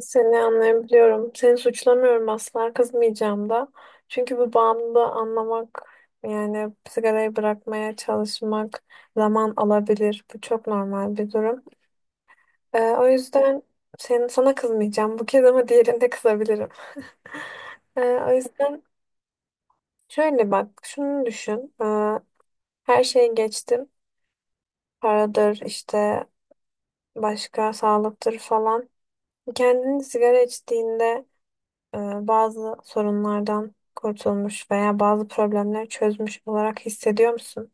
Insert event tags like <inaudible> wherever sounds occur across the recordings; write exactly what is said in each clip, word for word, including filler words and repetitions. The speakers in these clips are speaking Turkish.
Seni anlayabiliyorum. Seni suçlamıyorum, asla kızmayacağım da. Çünkü bu bağımlılığı anlamak, yani sigarayı bırakmaya çalışmak zaman alabilir. Bu çok normal bir durum. Ee, o yüzden senin, sana kızmayacağım. Bu kez ama diğerinde kızabilirim. <laughs> Ee, o yüzden şöyle bak, şunu düşün. Ee, her şeyi geçtim. Paradır işte, başka sağlıktır falan. Kendini sigara içtiğinde e, bazı sorunlardan kurtulmuş veya bazı problemleri çözmüş olarak hissediyor musun?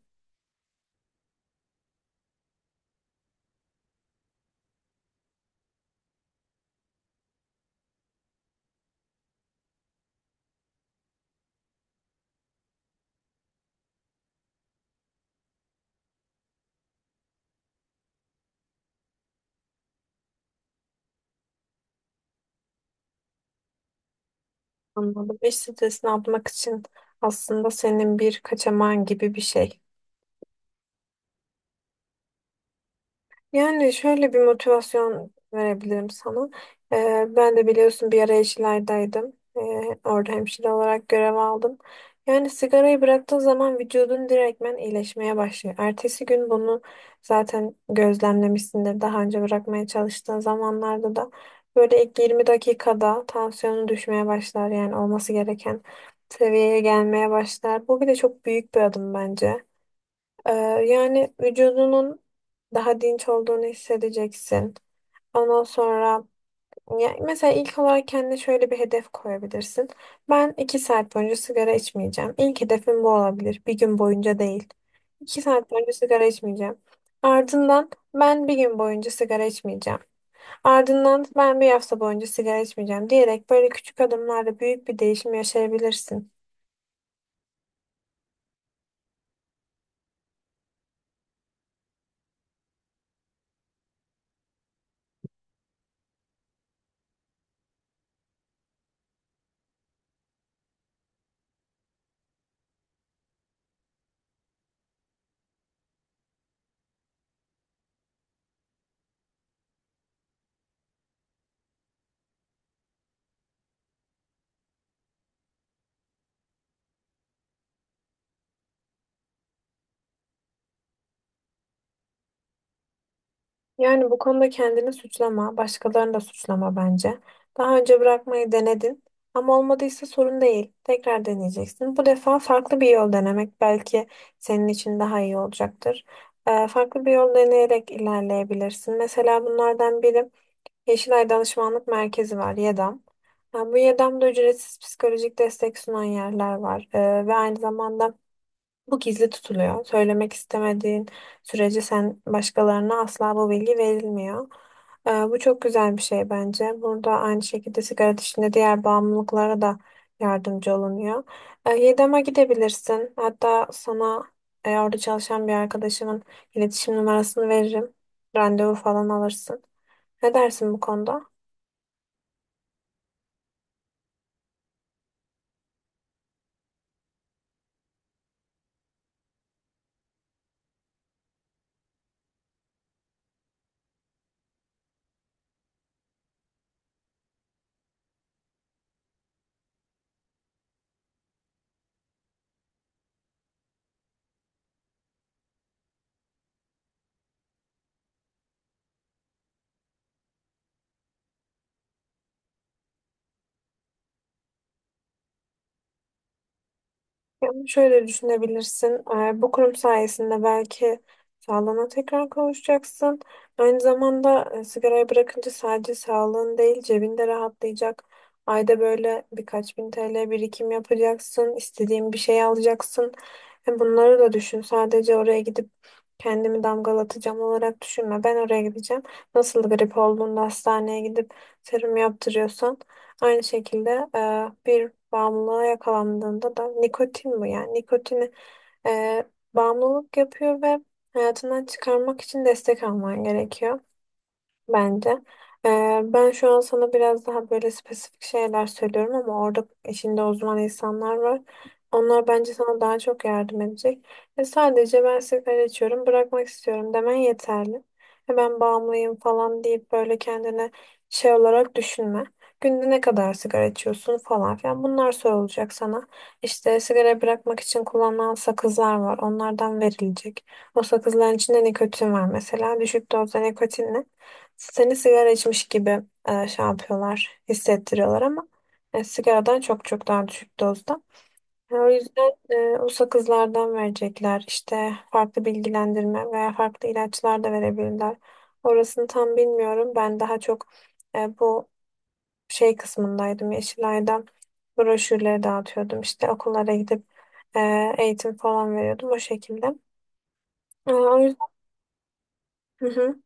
Anladım. İş stresini atmak için aslında senin bir kaçamağın gibi bir şey. Yani şöyle bir motivasyon verebilirim sana. Ee, ben de biliyorsun bir ara Yeşilay'daydım. Ee, orada hemşire olarak görev aldım. Yani sigarayı bıraktığın zaman vücudun direktmen iyileşmeye başlıyor. Ertesi gün bunu zaten gözlemlemişsindir. Daha önce bırakmaya çalıştığın zamanlarda da böyle ilk yirmi dakikada tansiyonun düşmeye başlar. Yani olması gereken seviyeye gelmeye başlar. Bu bile çok büyük bir adım bence. Ee, Yani vücudunun daha dinç olduğunu hissedeceksin. Ondan sonra ya mesela ilk olarak kendine şöyle bir hedef koyabilirsin. Ben iki saat boyunca sigara içmeyeceğim. İlk hedefim bu olabilir. Bir gün boyunca değil. İki saat boyunca sigara içmeyeceğim. Ardından ben bir gün boyunca sigara içmeyeceğim. Ardından ben bir hafta boyunca sigara içmeyeceğim diyerek böyle küçük adımlarla büyük bir değişim yaşayabilirsin. Yani bu konuda kendini suçlama, başkalarını da suçlama bence. Daha önce bırakmayı denedin ama olmadıysa sorun değil. Tekrar deneyeceksin. Bu defa farklı bir yol denemek belki senin için daha iyi olacaktır. Ee, farklı bir yol deneyerek ilerleyebilirsin. Mesela bunlardan biri Yeşilay Danışmanlık Merkezi var, YEDAM. Ha, bu YEDAM'da ücretsiz psikolojik destek sunan yerler var. Ee, ve aynı zamanda bu gizli tutuluyor. Söylemek istemediğin sürece sen, başkalarına asla bu bilgi verilmiyor. Ee, bu çok güzel bir şey bence. Burada aynı şekilde sigara dışında diğer bağımlılıklara da yardımcı olunuyor. Ee, Yedem'e gidebilirsin. Hatta sana e, orada çalışan bir arkadaşımın iletişim numarasını veririm. Randevu falan alırsın. Ne dersin bu konuda? Yani şöyle düşünebilirsin. Eee, Bu kurum sayesinde belki sağlığına tekrar kavuşacaksın. Aynı zamanda e, sigarayı bırakınca sadece sağlığın değil, cebinde rahatlayacak. Ayda böyle birkaç bin T L birikim yapacaksın, istediğin bir şey alacaksın. Hem bunları da düşün. Sadece oraya gidip kendimi damgalatacağım olarak düşünme. Ben oraya gideceğim. Nasıl grip olduğunda hastaneye gidip serum yaptırıyorsan, aynı şekilde e, bir bağımlılığa yakalandığında da nikotin, bu yani, nikotini e, bağımlılık yapıyor ve hayatından çıkarmak için destek alman gerekiyor bence. Ee, ben şu an sana biraz daha böyle spesifik şeyler söylüyorum ama orada işinde uzman insanlar var. Onlar bence sana daha çok yardım edecek. E, sadece ben sigara içiyorum, bırakmak istiyorum demen yeterli. E, ben bağımlıyım falan deyip böyle kendine şey olarak düşünme. Günde ne kadar sigara içiyorsun falan filan, bunlar sorulacak sana. İşte sigara bırakmak için kullanılan sakızlar var. Onlardan verilecek. O sakızların içinde nikotin var mesela. Düşük dozda nikotinle. Seni sigara içmiş gibi e, şey yapıyorlar, hissettiriyorlar ama e, sigaradan çok çok daha düşük dozda. E, o yüzden e, o sakızlardan verecekler. İşte farklı bilgilendirme veya farklı ilaçlar da verebilirler. Orasını tam bilmiyorum. Ben daha çok e, bu şey kısmındaydım. Yeşilay'da broşürleri dağıtıyordum. İşte okullara gidip e, eğitim falan veriyordum o şekilde. E, o yüzden... Hı hı.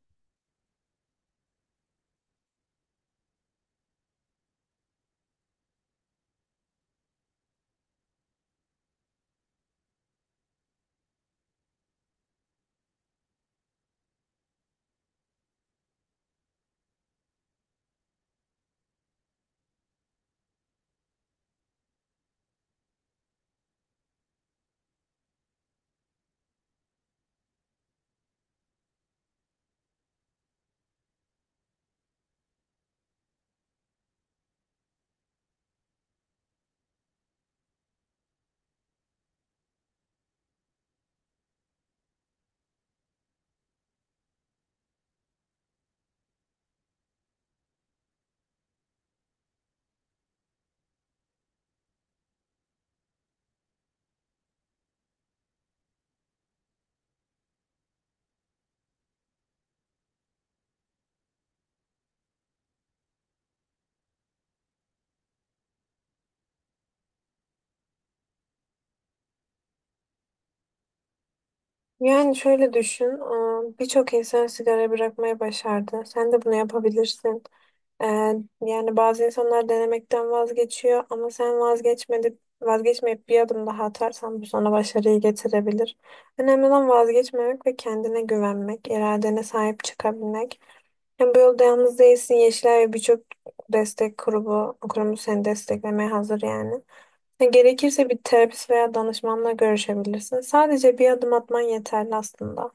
Yani şöyle düşün, ıı, birçok insan sigara bırakmayı başardı. Sen de bunu yapabilirsin. Ee, Yani bazı insanlar denemekten vazgeçiyor ama sen vazgeçmedip vazgeçmeyip bir adım daha atarsan bu sana başarıyı getirebilir. Önemli olan vazgeçmemek ve kendine güvenmek, iradene sahip çıkabilmek. Hem bu yolda yalnız değilsin. Yeşilay ve birçok destek grubu, kurumu seni desteklemeye hazır yani. Gerekirse bir terapist veya danışmanla görüşebilirsin. Sadece bir adım atman yeterli aslında.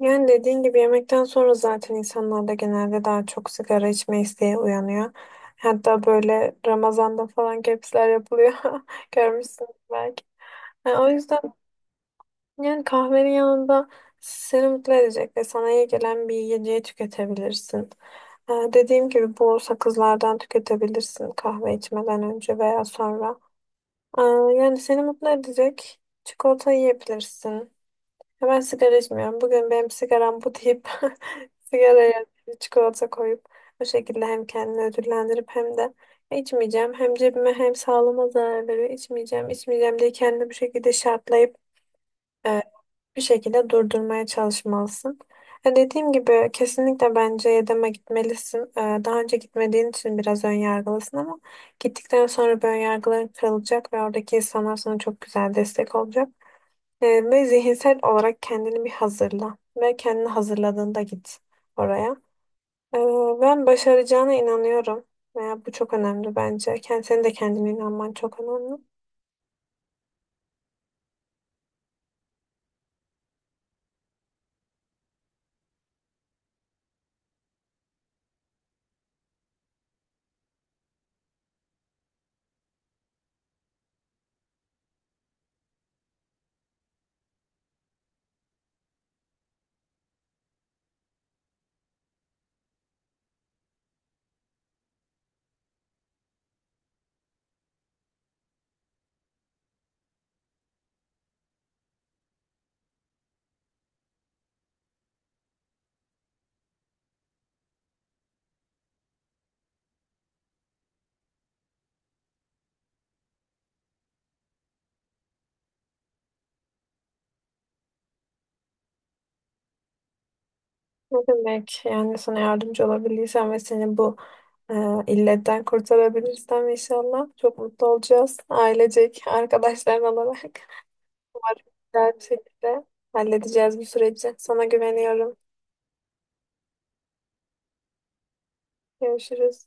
Yani dediğin gibi yemekten sonra zaten insanlarda genelde daha çok sigara içme isteği uyanıyor. Hatta böyle Ramazan'da falan kepsler yapılıyor. <laughs> Görmüşsün belki. Yani o yüzden, yani kahvenin yanında seni mutlu edecek ve sana iyi gelen bir yiyeceği tüketebilirsin. Ee, dediğim gibi bu sakızlardan tüketebilirsin kahve içmeden önce veya sonra. Aa, yani seni mutlu edecek, çikolata yiyebilirsin. Ya, ben sigara içmiyorum. Bugün benim sigaram bu deyip <laughs> sigaraya çikolata koyup o şekilde hem kendini ödüllendirip hem de içmeyeceğim. Hem cebime hem sağlığıma zarar veriyor. İçmeyeceğim, içmeyeceğim diye kendini bu şekilde şartlayıp e, bir şekilde durdurmaya çalışmalısın. E, dediğim gibi kesinlikle bence Yedem'e gitmelisin. E, daha önce gitmediğin için biraz ön yargılısın ama gittikten sonra bu ön yargıların kırılacak ve oradaki insanlar sana çok güzel destek olacak. E, ve zihinsel olarak kendini bir hazırla ve kendini hazırladığında git oraya. E, Ben başaracağına inanıyorum. Veya bu çok önemli bence. Kend- Senin de kendine inanman çok önemli. Ne demek? Yani sana yardımcı olabilirsem ve seni bu e, illetten kurtarabilirsem inşallah çok mutlu olacağız. Ailecek, arkadaşlar olarak. <laughs> Umarım güzel bir şekilde halledeceğiz bu süreci. Sana güveniyorum. Görüşürüz.